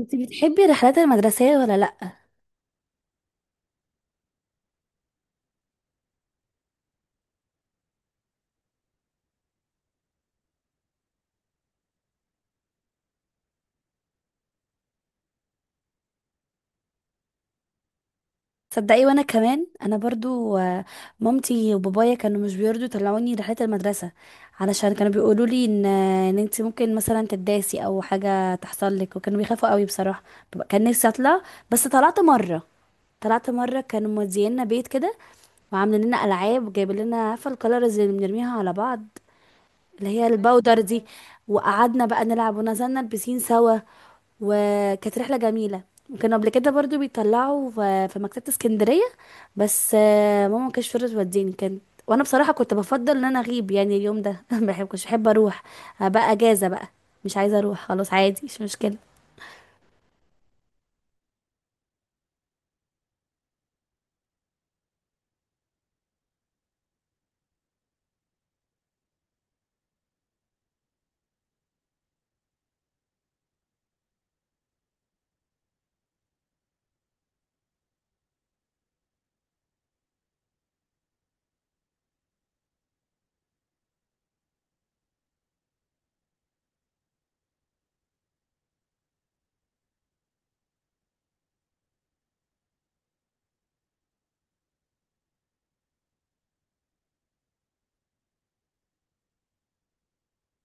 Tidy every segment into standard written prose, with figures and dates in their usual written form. انت بتحبي الرحلات المدرسية ولا لأ؟ تصدقي؟ وانا كمان، انا برضو مامتي وبابايا كانوا مش بيرضوا يطلعوني رحلات المدرسة، علشان كانوا بيقولوا لي ان انت ممكن مثلا تداسي او حاجة تحصل لك، وكانوا بيخافوا قوي بصراحة. كان نفسي اطلع، بس طلعت مرة، كانوا مودينا بيت كده، وعاملين لنا العاب وجايبين لنا، عارفة الكلرز اللي بنرميها على بعض، اللي هي الباودر دي. وقعدنا بقى نلعب ونزلنا البسين سوا، وكانت رحلة جميلة. وكانوا قبل كده برضو بيطلعوا في مكتبة اسكندرية. بس ماما ما كانتش فضلت توديني، كانت. وانا بصراحة كنت بفضل ان انا اغيب يعني اليوم ده ما بحب- كنتش بحب اروح. بقى اجازة بقى، مش عايزة اروح، خلاص عادي مش مشكلة.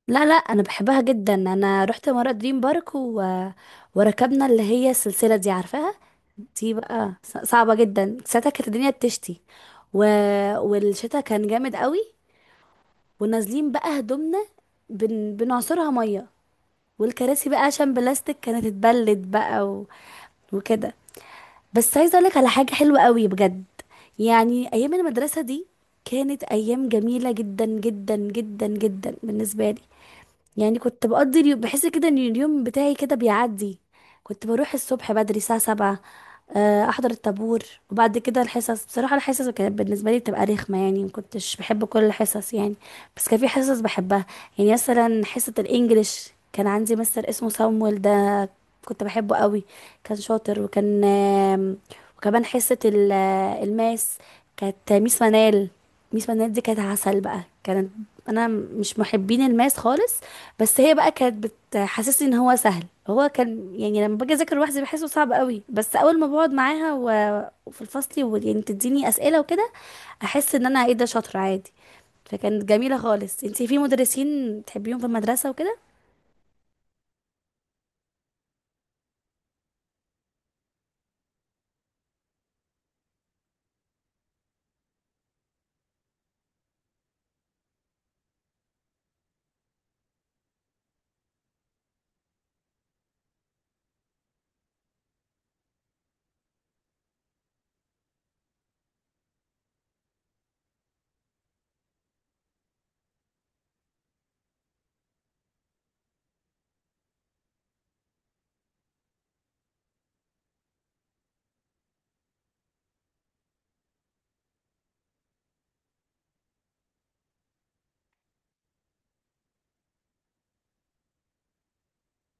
لا لا، انا بحبها جدا. انا رحت مرة دريم بارك وركبنا اللي هي السلسلة دي، عارفاها؟ دي بقى صعبة جدا، ساعتها كانت الدنيا بتشتي و... والشتا كان جامد قوي، ونازلين بقى هدومنا بنعصرها مية، والكراسي بقى عشان بلاستيك كانت اتبلت بقى وكده. بس عايزة اقولك على حاجة حلوة قوي بجد. يعني ايام المدرسة دي كانت ايام جميلة جدا جدا جدا جدا بالنسبة لي. يعني كنت بقضي اليوم بحس كده ان اليوم بتاعي كده بيعدي. كنت بروح الصبح بدري الساعة 7، احضر الطابور، وبعد كده الحصص. بصراحة الحصص كانت بالنسبة لي بتبقى رخمة، يعني ما كنتش بحب كل الحصص يعني. بس كان في حصص بحبها. يعني مثلا حصة الانجليش، كان عندي مستر اسمه صامويل ده، كنت بحبه قوي، كان شاطر، وكان آم، وكمان حصة الماس، كانت ميس منال. ميس منال دي كانت عسل بقى، كانت. انا مش محبين الماس خالص، بس هي بقى كانت بتحسسني ان هو سهل. هو كان يعني لما باجي اذاكر لوحدي بحسه صعب قوي، بس اول ما بقعد معاها وفي الفصل يعني تديني اسئله وكده، احس ان انا ايه ده، شاطره عادي. فكانت جميله خالص. انتي في مدرسين تحبيهم في المدرسه وكده؟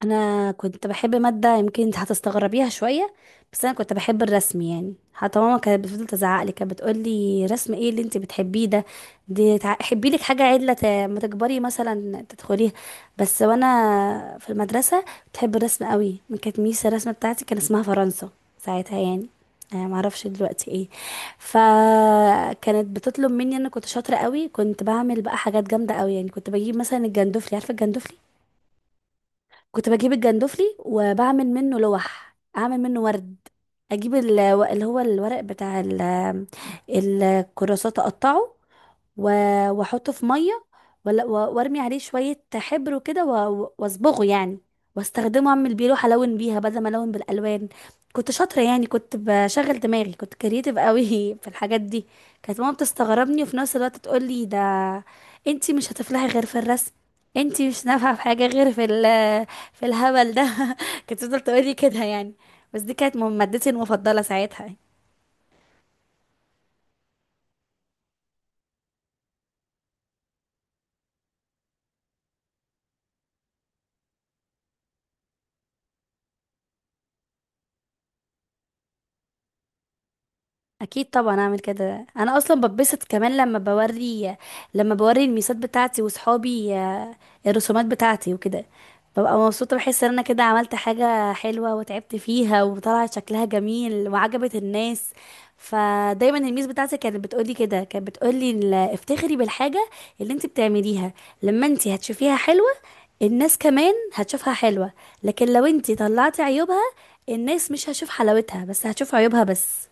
انا كنت بحب ماده يمكن انت هتستغربيها شويه، بس انا كنت بحب الرسم. يعني حتى ماما كانت بتفضل تزعق لي، كانت بتقول لي رسم ايه اللي انت بتحبيه ده، دي حبي لك حاجه عدله ما تكبري مثلا تدخليها. بس وانا في المدرسه بتحب الرسم قوي. كانت ميس الرسمه بتاعتي كان اسمها فرنسا ساعتها يعني، أنا معرفش دلوقتي ايه. فكانت بتطلب مني، انا كنت شاطره قوي، كنت بعمل بقى حاجات جامده قوي. يعني كنت بجيب مثلا الجندفلي، عارفه الجندفلي؟ كنت بجيب الجندفلي وبعمل منه لوح، اعمل منه ورد، اجيب اللي هو الورق بتاع الكراسات، اقطعه واحطه في ميه، وارمي عليه شويه حبر وكده واصبغه يعني، واستخدمه اعمل بيه لوحه، الون بيها بدل ما الون بالالوان. كنت شاطره يعني، كنت بشغل دماغي، كنت كرييتيف قوي في الحاجات دي. كانت ماما بتستغربني، وفي نفس الوقت تقول لي ده، انتي مش هتفلحي غير في الرسم، انتي مش نافعه في حاجه غير في في الهبل ده كانت تفضل تقولي كده يعني. بس دي كانت مادتي المفضلة ساعتها. اكيد طبعا اعمل كده، انا اصلا بتبسط كمان لما بوري، لما بوري الميسات بتاعتي وصحابي الرسومات بتاعتي وكده، ببقى مبسوطة، بحس ان انا كده عملت حاجة حلوة وتعبت فيها وطلعت شكلها جميل وعجبت الناس. فدايما الميس بتاعتي كانت بتقولي كده، كانت بتقولي افتخري بالحاجة اللي انت بتعمليها، لما انت هتشوفيها حلوة، الناس كمان هتشوفها حلوة. لكن لو انتي طلعتي عيوبها، الناس مش هتشوف حلاوتها، بس هتشوف عيوبها بس.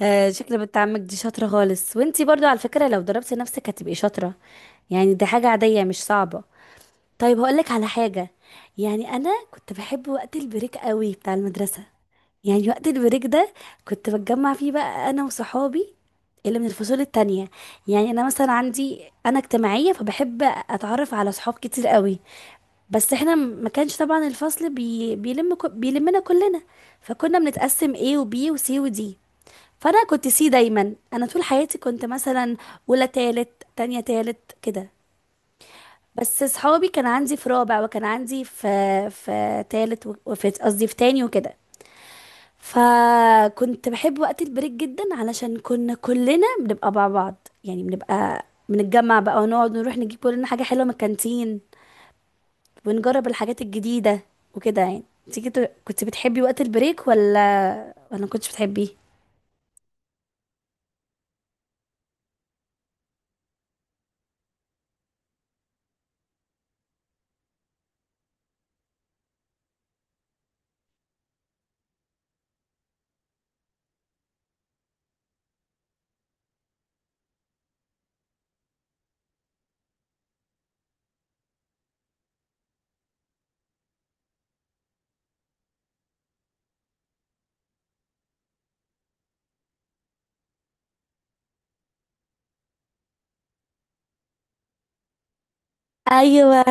آه، شكل بنت عمك دي شاطرة خالص، وانتي برضو على فكرة لو ضربتي نفسك هتبقي شاطرة. يعني دي حاجة عادية، مش صعبة. طيب هقولك على حاجة. يعني انا كنت بحب وقت البريك قوي بتاع المدرسة. يعني وقت البريك ده كنت بتجمع فيه بقى انا وصحابي اللي من الفصول التانية. يعني انا مثلا عندي، انا اجتماعية فبحب اتعرف على صحاب كتير قوي. بس احنا ما كانش طبعا الفصل بيلمنا كلنا، فكنا بنتقسم A و B و C و D. فانا كنت سي دايما، انا طول حياتي كنت مثلا اولى تالت تانية تالت كده. بس صحابي كان عندي في رابع، وكان عندي في تالت، وفي قصدي في تاني وكده. فكنت بحب وقت البريك جدا علشان كنا كلنا بنبقى مع بعض، يعني بنبقى بنتجمع بقى ونقعد نروح نجيب كلنا حاجة حلوة من الكانتين، ونجرب الحاجات الجديدة وكده يعني. انت كنت، كنت بتحبي وقت البريك ولا ما كنتش بتحبيه؟ ايوه.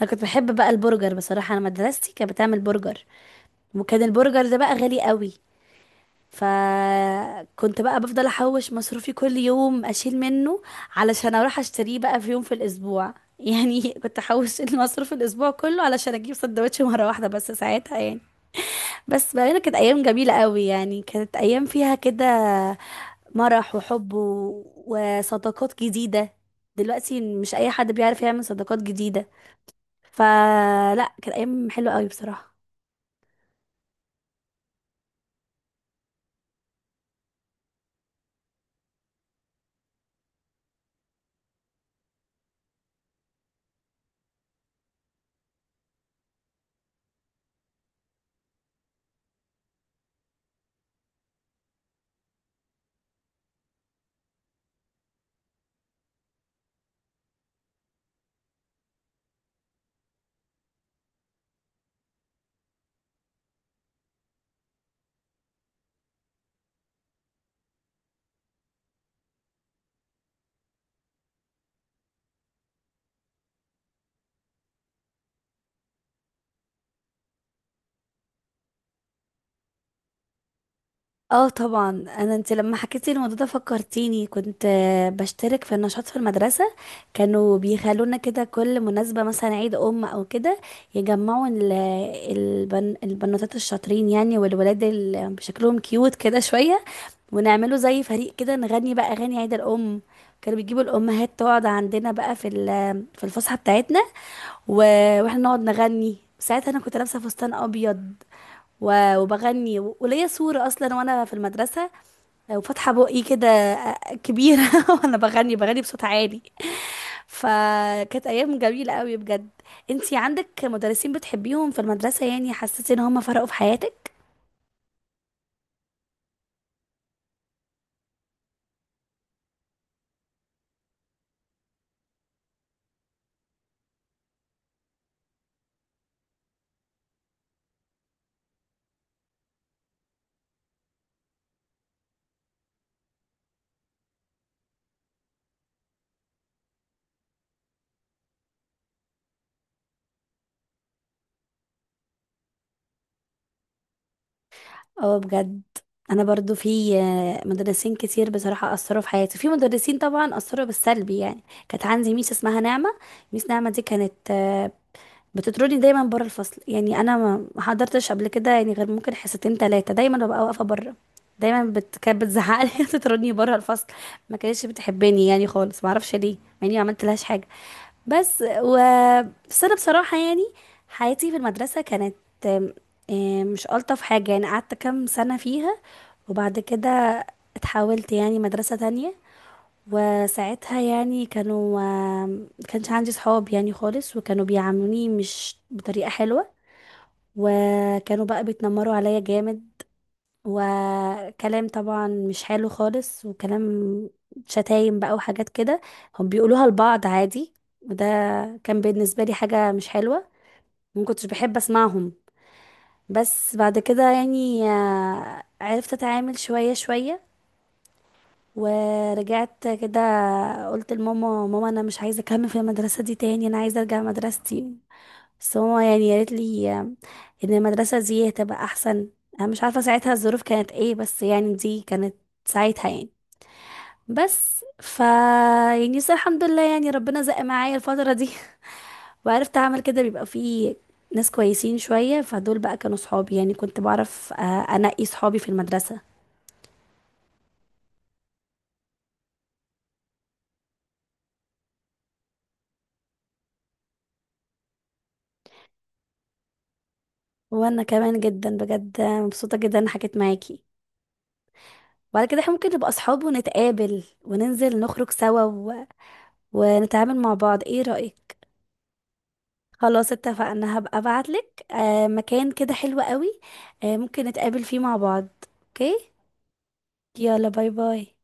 انا كنت بحب بقى البرجر. بصراحة انا مدرستي كانت بتعمل برجر، وكان البرجر ده بقى غالي قوي. فكنت بقى بفضل احوش مصروفي كل يوم، اشيل منه علشان اروح اشتريه بقى في يوم في الاسبوع يعني كنت احوش المصروف الاسبوع كله علشان اجيب سندوتش مره واحده بس ساعتها يعني. بس بقى كانت ايام جميله قوي، يعني كانت ايام فيها كده مرح وحب وصداقات جديدة. دلوقتي مش أي حد بيعرف يعمل صداقات جديدة. فلا، كانت أيام حلوة قوي بصراحة. اه طبعا. انا، انت لما حكيتي الموضوع ده فكرتيني، كنت بشترك في النشاط في المدرسه. كانوا بيخلونا كده كل مناسبه مثلا عيد ام او كده، يجمعوا البنوتات الشاطرين يعني، والولاد اللي بشكلهم كيوت كده شويه، ونعملوا زي فريق كده، نغني بقى اغاني عيد الام. كانوا بيجيبوا الامهات تقعد عندنا بقى في في الفسحه بتاعتنا، واحنا نقعد نغني. ساعتها انا كنت لابسه فستان ابيض، وبغني، وليا صورة أصلا وأنا في المدرسة، وفاتحة بقي كده كبيرة وأنا بغني بغني بصوت عالي. فكانت أيام جميلة قوي بجد. انتي عندك مدرسين بتحبيهم في المدرسة، يعني حسيتي إن هم فرقوا في حياتك؟ اه بجد. أنا برضو في مدرسين كتير بصراحة أثروا في حياتي. في مدرسين طبعا أثروا بالسلبي يعني، كانت عندي ميس اسمها نعمة. ميس نعمة دي كانت بتطردني دايما بره الفصل. يعني انا ما حضرتش قبل كده يعني غير ممكن حصتين تلاتة، دايما ببقى واقفه بره. دايما كانت بتزعقلي تطردني بره الفصل. ما كانتش بتحبني يعني خالص، ما اعرفش ليه، مع اني ما عملت لهاش حاجه. بس و بس انا بصراحه يعني حياتي في المدرسه كانت آم، آم، مش الطف حاجه. يعني قعدت كام سنه فيها، وبعد كده اتحولت يعني مدرسه تانية. وساعتها يعني كانوا، ما كانش عندي صحاب يعني خالص، وكانوا بيعاملوني مش بطريقة حلوة، وكانوا بقى بيتنمروا عليا جامد. وكلام طبعا مش حلو خالص، وكلام شتايم بقى وحاجات كده، هم بيقولوها لبعض عادي. وده كان بالنسبة لي حاجة مش حلوة، ما كنتش بحب اسمعهم. بس بعد كده يعني عرفت اتعامل شوية شوية، ورجعت كده. قلت لماما، ماما انا مش عايزه اكمل في المدرسه دي تاني، انا عايزه ارجع مدرستي. بس ماما يعني قالت لي ان المدرسه دي هتبقى احسن. انا مش عارفه ساعتها الظروف كانت ايه، بس يعني دي كانت ساعتها يعني. بس ف يعني بس الحمد لله يعني ربنا زق معايا الفتره دي وعرفت اعمل كده. بيبقى فيه ناس كويسين شويه، فدول بقى كانوا صحابي. يعني كنت بعرف انقي صحابي في المدرسه. وانا كمان جدا بجد مبسوطه جدا إني حكيت معاكي. وبعد كده احنا ممكن نبقى اصحاب ونتقابل وننزل نخرج سوا ونتعامل مع بعض، ايه رأيك؟ خلاص، اتفقنا. هبقى ابعتلك آه مكان كده حلو قوي، آه ممكن نتقابل فيه مع بعض. اوكي. يلا باي باي.